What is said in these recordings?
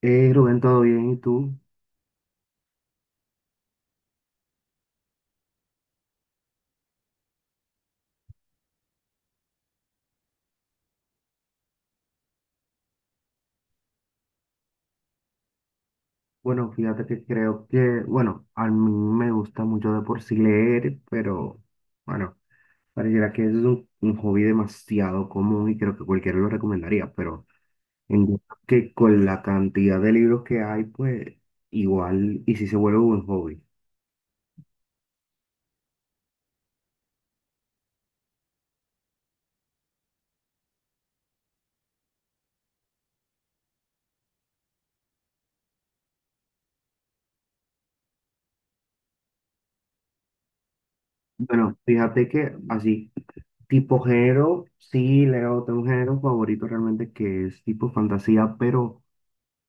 Rubén, ¿todo bien? ¿Y tú? Bueno, fíjate que creo que, bueno, a mí me gusta mucho de por sí leer, pero bueno, pareciera que es un hobby demasiado común y creo que cualquiera lo recomendaría, pero en que con la cantidad de libros que hay, pues igual, y si se vuelve un hobby. Bueno, fíjate que así, tipo género, sí leo, tengo un género favorito realmente que es tipo fantasía, pero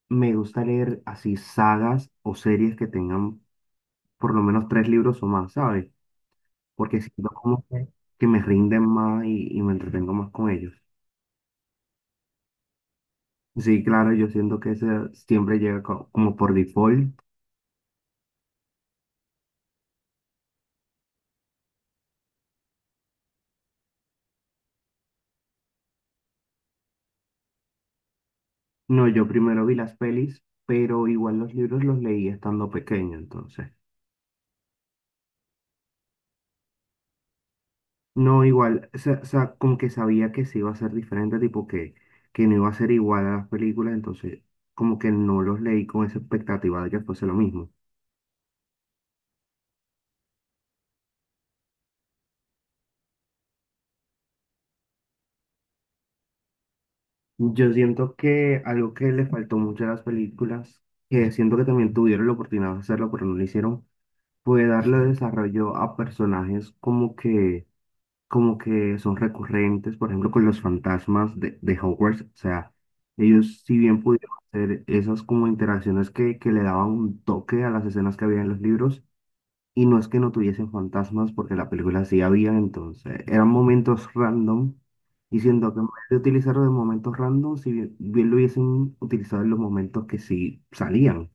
me gusta leer así sagas o series que tengan por lo menos tres libros o más, ¿sabes? Porque siento como que me rinden más y me entretengo más con ellos. Sí, claro, yo siento que eso siempre llega como por default. No, yo primero vi las pelis, pero igual los libros los leí estando pequeño, entonces. No, igual, o sea, como que sabía que sí iba a ser diferente, tipo que no iba a ser igual a las películas, entonces como que no los leí con esa expectativa de que fuese lo mismo. Yo siento que algo que le faltó mucho a las películas, que siento que también tuvieron la oportunidad de hacerlo, pero no lo hicieron, fue darle desarrollo a personajes como que son recurrentes, por ejemplo, con los fantasmas de Hogwarts. O sea, ellos si bien pudieron hacer esas como interacciones que le daban un toque a las escenas que había en los libros, y no es que no tuviesen fantasmas, porque la película sí había, entonces eran momentos random. Y siento que en vez de utilizarlo en momentos random, si bien, bien lo hubiesen utilizado en los momentos que sí salían.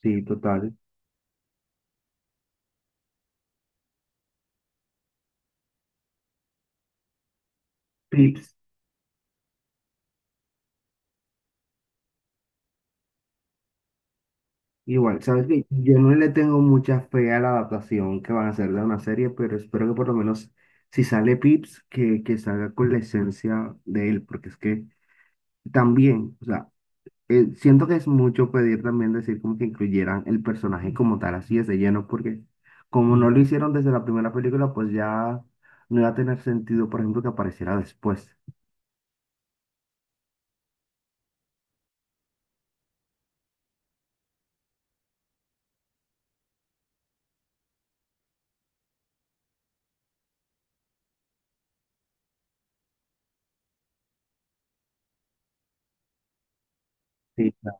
Sí, total. Pips. Igual, sabes que yo no le tengo mucha fe a la adaptación que van a hacer de una serie, pero espero que por lo menos si sale Pips, que salga con la esencia de él, porque es que también, o sea, siento que es mucho pedir también decir como que incluyeran el personaje como tal, así es de lleno, porque como no lo hicieron desde la primera película, pues ya no iba a tener sentido, por ejemplo, que apareciera después. Sí, claro.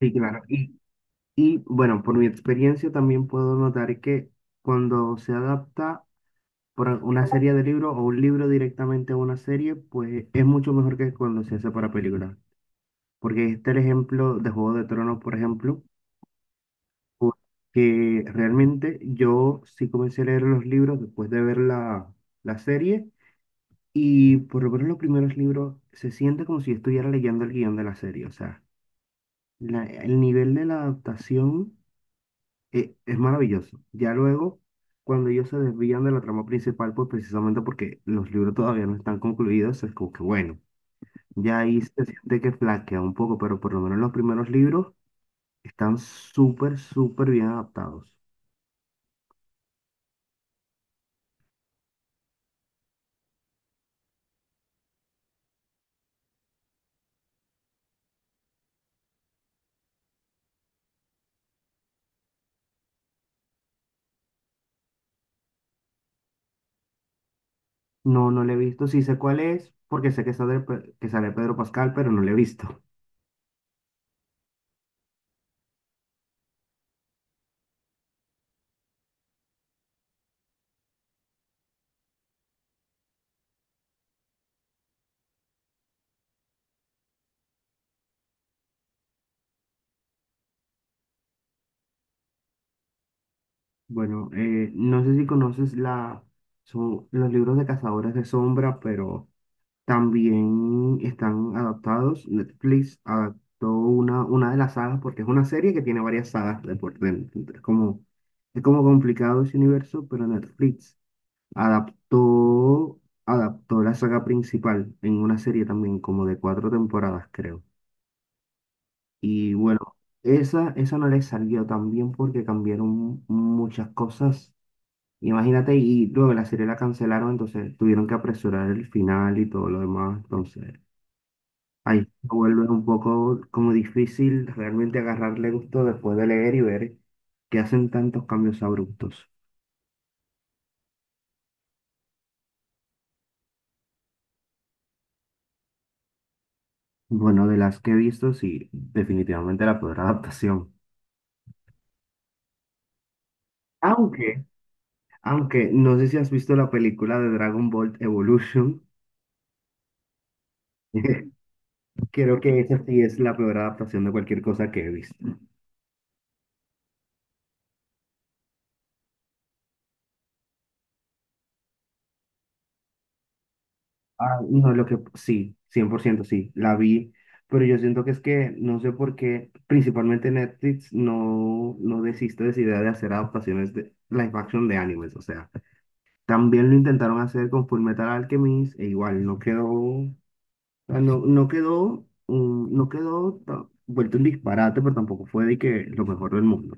Sí, claro. Y bueno, por mi experiencia también puedo notar que cuando se adapta por una serie de libros o un libro directamente a una serie, pues es mucho mejor que cuando se hace para película. Porque este es el ejemplo de Juego de Tronos, por ejemplo. Porque realmente yo sí comencé a leer los libros después de ver la, la serie y por lo menos los primeros libros se siente como si yo estuviera leyendo el guión de la serie. O sea, el nivel de la adaptación es maravilloso. Ya luego, cuando ellos se desvían de la trama principal, pues precisamente porque los libros todavía no están concluidos, es como que bueno, ya ahí se siente que flaquea un poco, pero por lo menos los primeros libros están súper, súper bien adaptados. No, no le he visto. Sí sé cuál es, porque sé que sale, que sale Pedro Pascal, pero no le he visto. Bueno, no sé si conoces la, son los libros de Cazadores de Sombra, pero también están adaptados. Netflix adaptó una de las sagas, porque es una serie que tiene varias sagas de por dentro. Es como complicado ese universo, pero Netflix adaptó, adaptó la saga principal en una serie también, como de cuatro temporadas, creo. Y bueno, esa no le salió tan bien porque cambiaron muchas cosas. Imagínate, y luego la serie la cancelaron, entonces tuvieron que apresurar el final y todo lo demás. Entonces, ahí se vuelve un poco como difícil realmente agarrarle gusto después de leer y ver que hacen tantos cambios abruptos. Bueno, de las que he visto, sí, definitivamente la peor adaptación. Aunque, aunque, no sé si has visto la película de Dragon Ball Evolution. Creo que esa sí es la peor adaptación de cualquier cosa que he visto. Ah, no, lo que sí, 100% sí, la vi, pero yo siento que es que no sé por qué, principalmente Netflix no desiste de esa idea de hacer adaptaciones de live action de animes, o sea, también lo intentaron hacer con Fullmetal Alchemist e igual no quedó, o sea, no quedó, no quedó vuelto un disparate, pero tampoco fue de que lo mejor del mundo.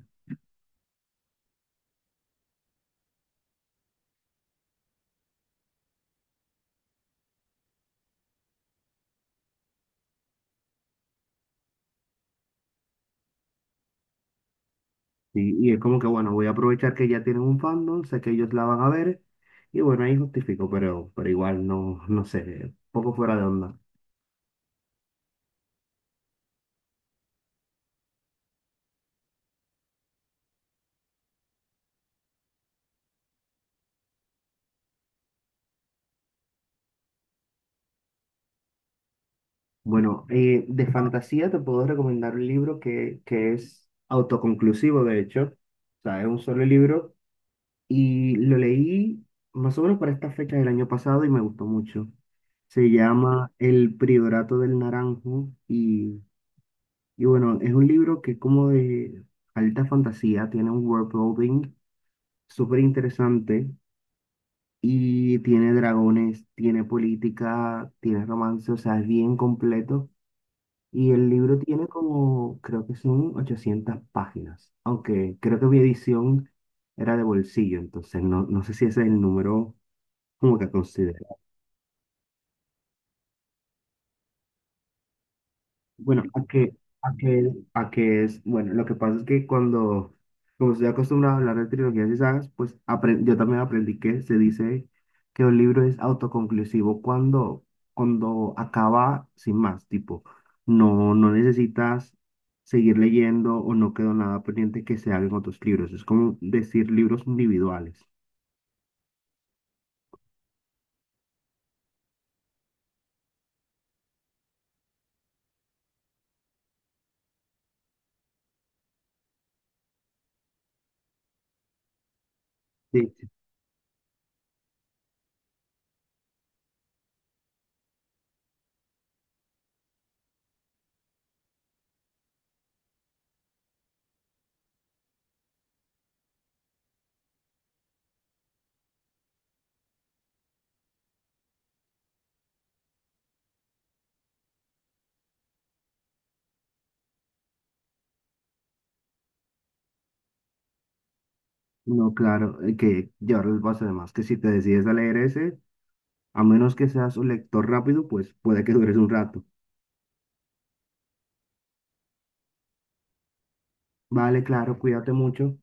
Sí, y es como que, bueno, voy a aprovechar que ya tienen un fandom, sé que ellos la van a ver, y bueno, ahí justifico, pero igual no, no sé, poco fuera de onda. Bueno, de fantasía te puedo recomendar un libro que es autoconclusivo, de hecho, o sea, es un solo libro, y lo leí más o menos para esta fecha del año pasado y me gustó mucho. Se llama El Priorato del Naranjo y bueno, es un libro que es como de alta fantasía, tiene un world building súper interesante y tiene dragones, tiene política, tiene romance, o sea, es bien completo. Y el libro tiene como, creo que son 800 páginas, aunque creo que mi edición era de bolsillo, entonces no, no sé si ese es el número como que considero. Bueno, a que es, bueno, lo que pasa es que cuando, como estoy acostumbrado a hablar de trilogías y sagas, pues yo también aprendí que se dice que un libro es autoconclusivo cuando, cuando acaba sin más, tipo, no, no necesitas seguir leyendo o no quedó nada pendiente que se haga en otros libros. Es como decir libros individuales. Sí, sí. No, claro, que llevarles el paso de más, que si te decides a leer ese, a menos que seas un lector rápido, pues puede que dures un rato. Vale, claro, cuídate mucho.